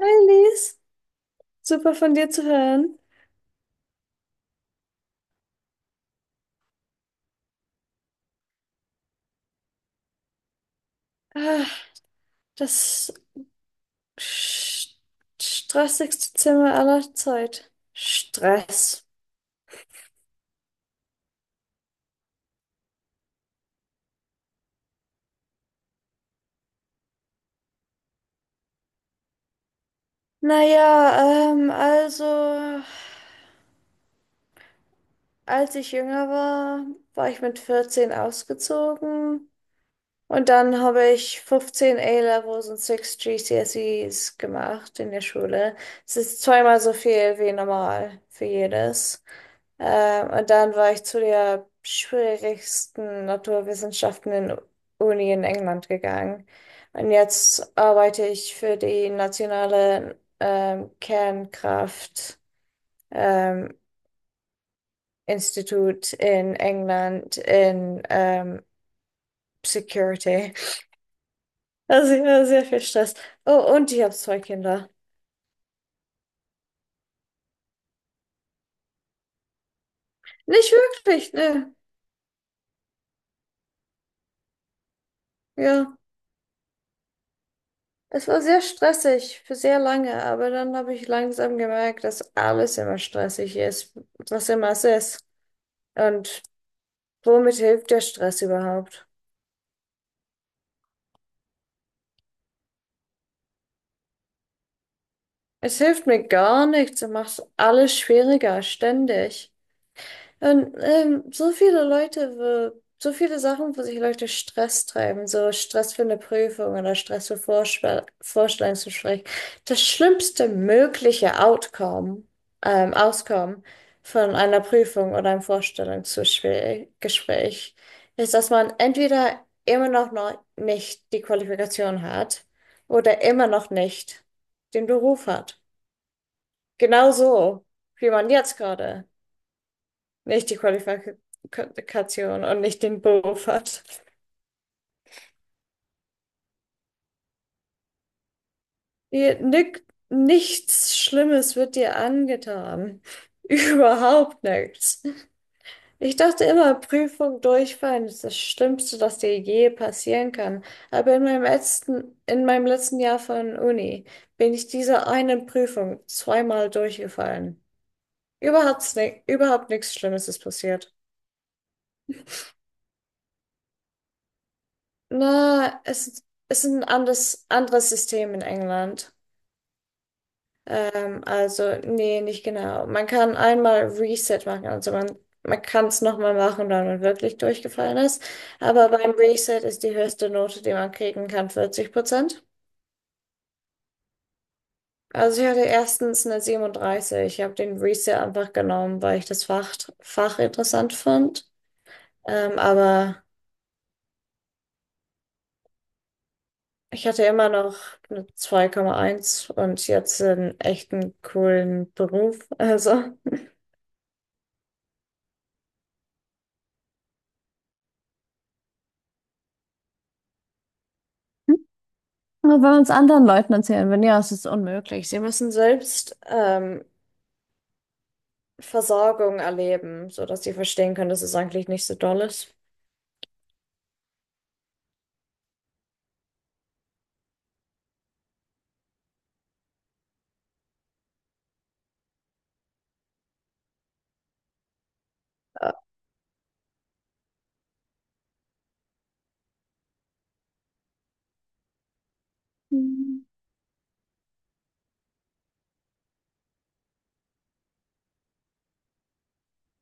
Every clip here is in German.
Hi Lies, super von dir zu hören. Ah, das st- stressigste Zimmer aller Zeit. Stress. Naja, also, als ich jünger war, war ich mit 14 ausgezogen. Und dann habe ich 15 A-Levels und 6 GCSEs gemacht in der Schule. Es ist zweimal so viel wie normal für jedes. Und dann war ich zu der schwierigsten Naturwissenschaften in Uni in England gegangen. Und jetzt arbeite ich für die nationale Kernkraft ähm, Institut in England in Security. Also, ja, sehr viel Stress. Oh, und ich habe zwei Kinder. Nicht wirklich, ne. Ja, es war sehr stressig für sehr lange, aber dann habe ich langsam gemerkt, dass alles immer stressig ist, was immer es ist. Und womit hilft der Stress überhaupt? Es hilft mir gar nichts, es macht alles schwieriger, ständig. Und so viele Leute, wo, so viele Sachen, wo sich Leute Stress treiben, so Stress für eine Prüfung oder Stress für Vorstellungsgespräch. Das schlimmste mögliche Outcome, Auskommen von einer Prüfung oder einem Vorstellungsgespräch Gespräch ist, dass man entweder immer noch, noch nicht die Qualifikation hat oder immer noch nicht den Beruf hat. Genau so, wie man jetzt gerade. Nicht die Qualifikation und nicht den Beruf hat. Nick, nichts Schlimmes wird dir angetan. Überhaupt nichts. Ich dachte immer, Prüfung durchfallen ist das Schlimmste, das dir je passieren kann. Aber in meinem letzten Jahr von Uni bin ich dieser einen Prüfung zweimal durchgefallen. Überhaupt nichts Schlimmes ist passiert. Na, es ist ein anderes System in England. Also, nee, nicht genau. Man kann einmal Reset machen, also man kann es nochmal machen, wenn man wirklich durchgefallen ist. Aber beim Reset ist die höchste Note, die man kriegen kann, 40%. Also ich hatte erstens eine 37. Ich habe den Reset einfach genommen, weil ich das Fach interessant fand. Aber ich hatte immer noch eine 2,1 und jetzt einen echten coolen Beruf. Also. Nur wenn wir uns anderen Leuten erzählen würden, ja, es ist unmöglich. Sie müssen selbst Versorgung erleben, sodass sie verstehen können, dass es eigentlich nicht so doll ist. Äh, Hm.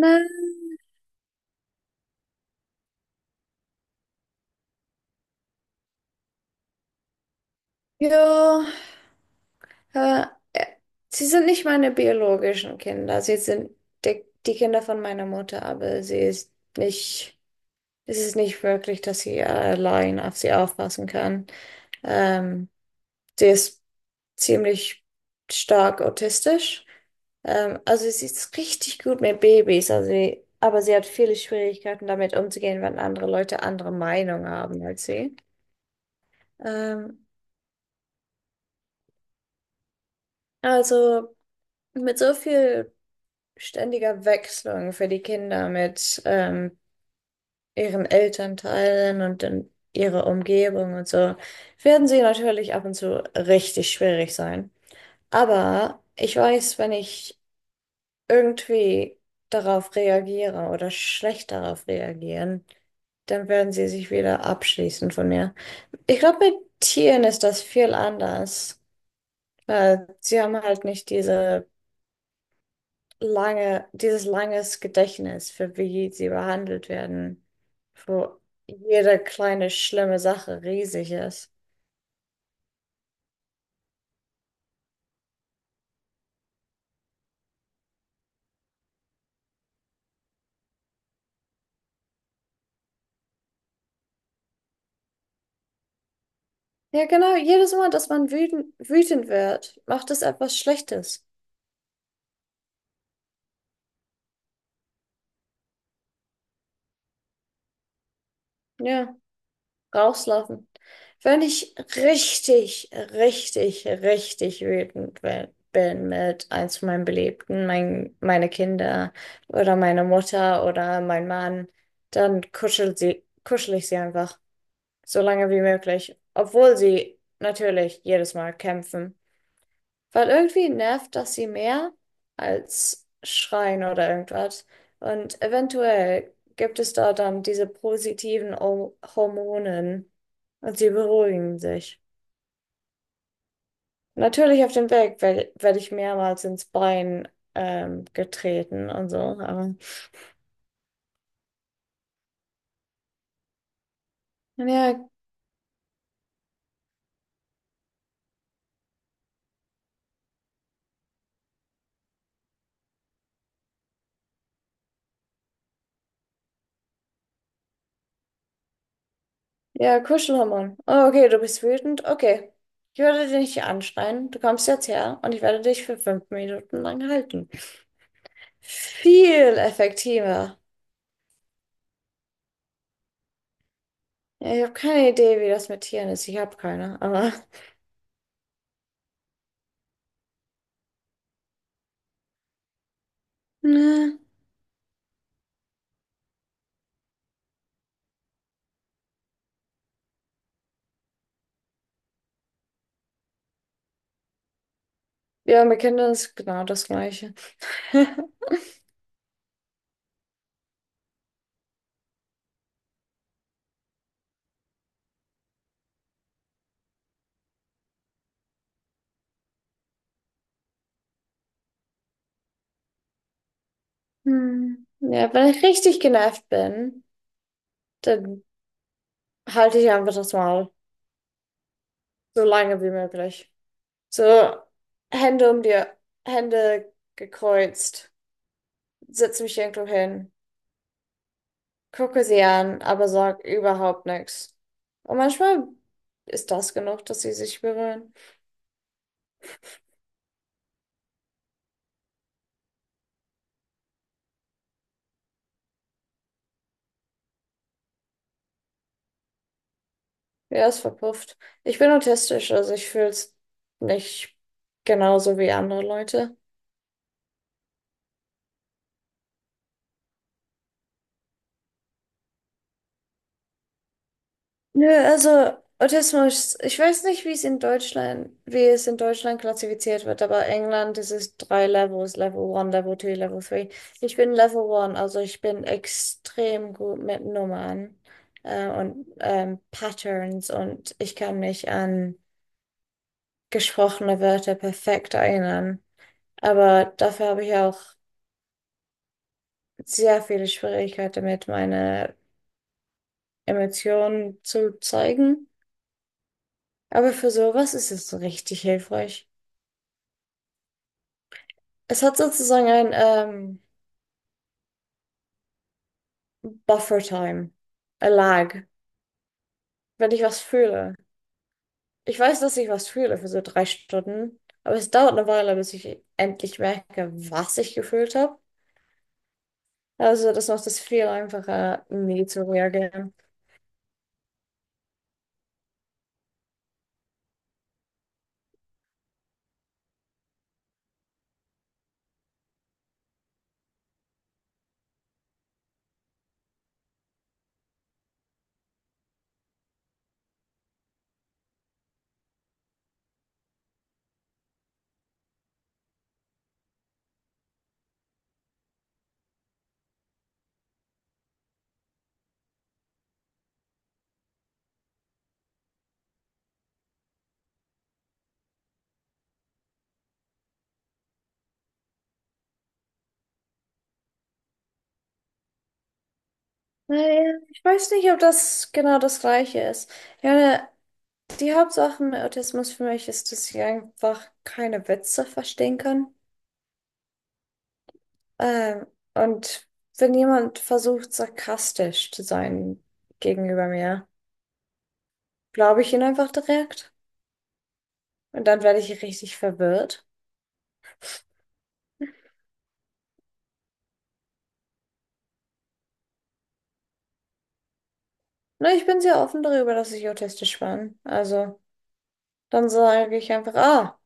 Na, ja, äh, äh, sie sind nicht meine biologischen Kinder. Sie sind die Kinder von meiner Mutter, aber sie ist nicht, es ist nicht wirklich, dass sie allein auf sie aufpassen kann. Ähm, Sie ist ziemlich stark autistisch. Also sie ist richtig gut mit Babys, also sie, aber sie hat viele Schwierigkeiten damit umzugehen, wenn andere Leute andere Meinung haben als sie. Ähm, also mit so viel ständiger Wechselung für die Kinder mit ihren Elternteilen und dann ihrer Umgebung und so, werden sie natürlich ab und zu richtig schwierig sein. Aber ich weiß, wenn ich irgendwie darauf reagiere oder schlecht darauf reagieren, dann werden sie sich wieder abschließen von mir. Ich glaube, mit Tieren ist das viel anders, weil sie haben halt nicht diese lange, dieses langes Gedächtnis für wie sie behandelt werden, wo jede kleine schlimme Sache riesig ist. Ja, genau, jedes Mal, dass man wütend, wütend wird, macht es etwas Schlechtes. Ja. Rauslaufen. Wenn ich richtig, richtig, richtig wütend bin mit eins von meinen Beliebten, meine Kinder oder meine Mutter oder mein Mann, dann kuschel sie, kuschel ich sie einfach so lange wie möglich, obwohl sie natürlich jedes Mal kämpfen. Weil irgendwie nervt das sie mehr als Schreien oder irgendwas. Und eventuell gibt es da dann diese positiven Hormonen und sie beruhigen sich. Natürlich auf dem Weg werde werd werd ich mehrmals ins Bein getreten und so. Aber ja, ja, Kuschelhormon. Oh, okay, du bist wütend. Okay. Ich werde dich nicht anschreien. Du kommst jetzt her und ich werde dich für 5 Minuten lang halten. Viel effektiver. Ja, ich habe keine Idee, wie das mit Tieren ist. Ich habe keine, aber ne. Ja, mit Kindern ist genau das Gleiche. Hm. Ja, wenn ich richtig genervt bin, dann halte ich einfach das Maul. So lange wie möglich. So, Hände um die Hände gekreuzt, setze mich irgendwo hin, gucke sie an, aber sag überhaupt nichts. Und manchmal ist das genug, dass sie sich berühren. Ja, ist verpufft. Ich bin autistisch, also ich fühle es nicht genauso wie andere Leute. Nö, also Autismus, ich weiß nicht, wie es in Deutschland klassifiziert wird, aber England, das ist drei Levels, Level 1, Level 2, Level 3. Ich bin Level 1, also ich bin extrem gut mit Nummern und Patterns und ich kann mich an gesprochene Wörter perfekt erinnern. Aber dafür habe ich auch sehr viele Schwierigkeiten damit, meine Emotionen zu zeigen. Aber für sowas ist es richtig hilfreich. Es hat sozusagen ein Buffer-Time, a lag, wenn ich was fühle. Ich weiß, dass ich was fühle für so 3 Stunden, aber es dauert eine Weile, bis ich endlich merke, was ich gefühlt habe. Also das macht es viel einfacher, nie zu reagieren. Naja, ich weiß nicht, ob das genau das Gleiche ist. Ja, die Hauptsache mit Autismus für mich ist, dass ich einfach keine Witze verstehen kann. Ähm, und wenn jemand versucht, sarkastisch zu sein gegenüber mir, glaube ich ihn einfach direkt. Und dann werde ich richtig verwirrt. Na, ich bin sehr offen darüber, dass ich autistisch bin. Also, dann sage ich einfach, ah,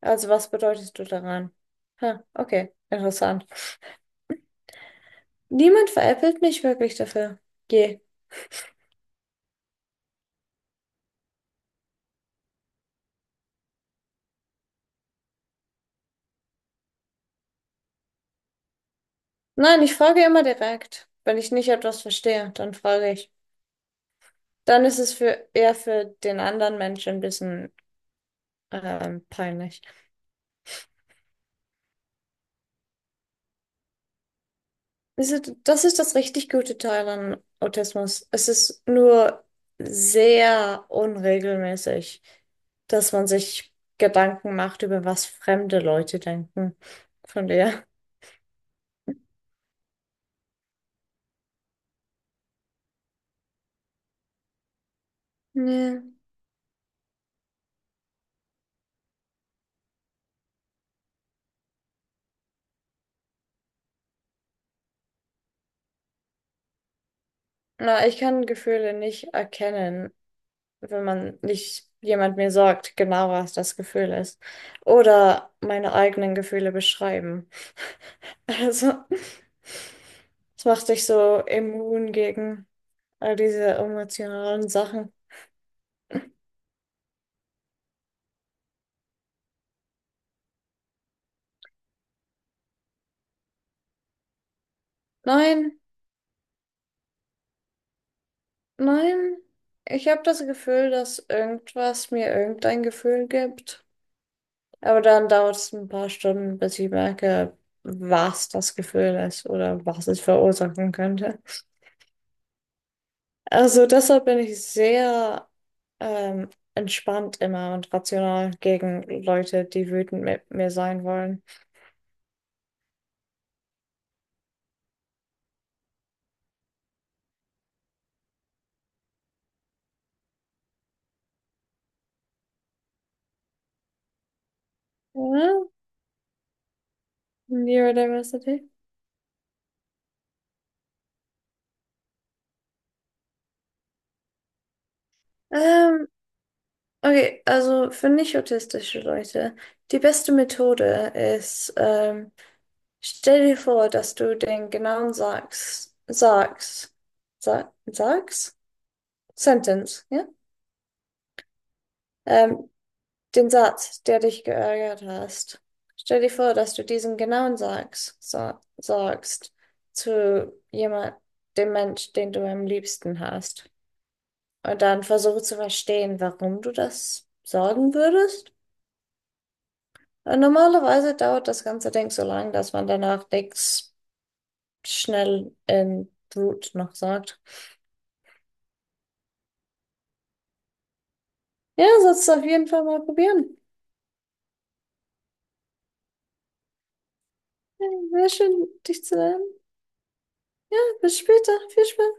also was bedeutest du daran? Ha, okay, interessant. Niemand veräppelt mich wirklich dafür. Je. Nein, ich frage immer direkt. Wenn ich nicht etwas verstehe, dann frage ich. Dann ist es für eher für den anderen Menschen ein bisschen peinlich. Das ist das richtig gute Teil an Autismus. Es ist nur sehr unregelmäßig, dass man sich Gedanken macht, über was fremde Leute denken. Von der. Ja. Na, ich kann Gefühle nicht erkennen, wenn man nicht jemand mir sagt, genau was das Gefühl ist. Oder meine eigenen Gefühle beschreiben. Also, es macht dich so immun gegen all diese emotionalen Sachen. Nein, nein. Ich habe das Gefühl, dass irgendwas mir irgendein Gefühl gibt. Aber dann dauert es ein paar Stunden, bis ich merke, was das Gefühl ist oder was es verursachen könnte. Also deshalb bin ich sehr ähm, entspannt immer und rational gegen Leute, die wütend mit mir sein wollen. Ja, Neurodiversity. Ähm, okay, also für nicht autistische Leute, die beste Methode ist, stell dir vor, dass du den genauen Sa- Sags, Sentence, ja? Ähm, Den Satz, der dich geärgert hast. Stell dir vor, dass du diesen genauen sagst zu jemand, dem Mensch, den du am liebsten hast. Und dann versuche zu verstehen, warum du das sagen würdest. Normalerweise dauert das ganze Ding so lang, dass man danach nichts schnell in Brut noch sagt. Ja, sollst du auf jeden Fall mal probieren. Ja, sehr schön, dich zu lernen. Ja, bis später. Viel Spaß.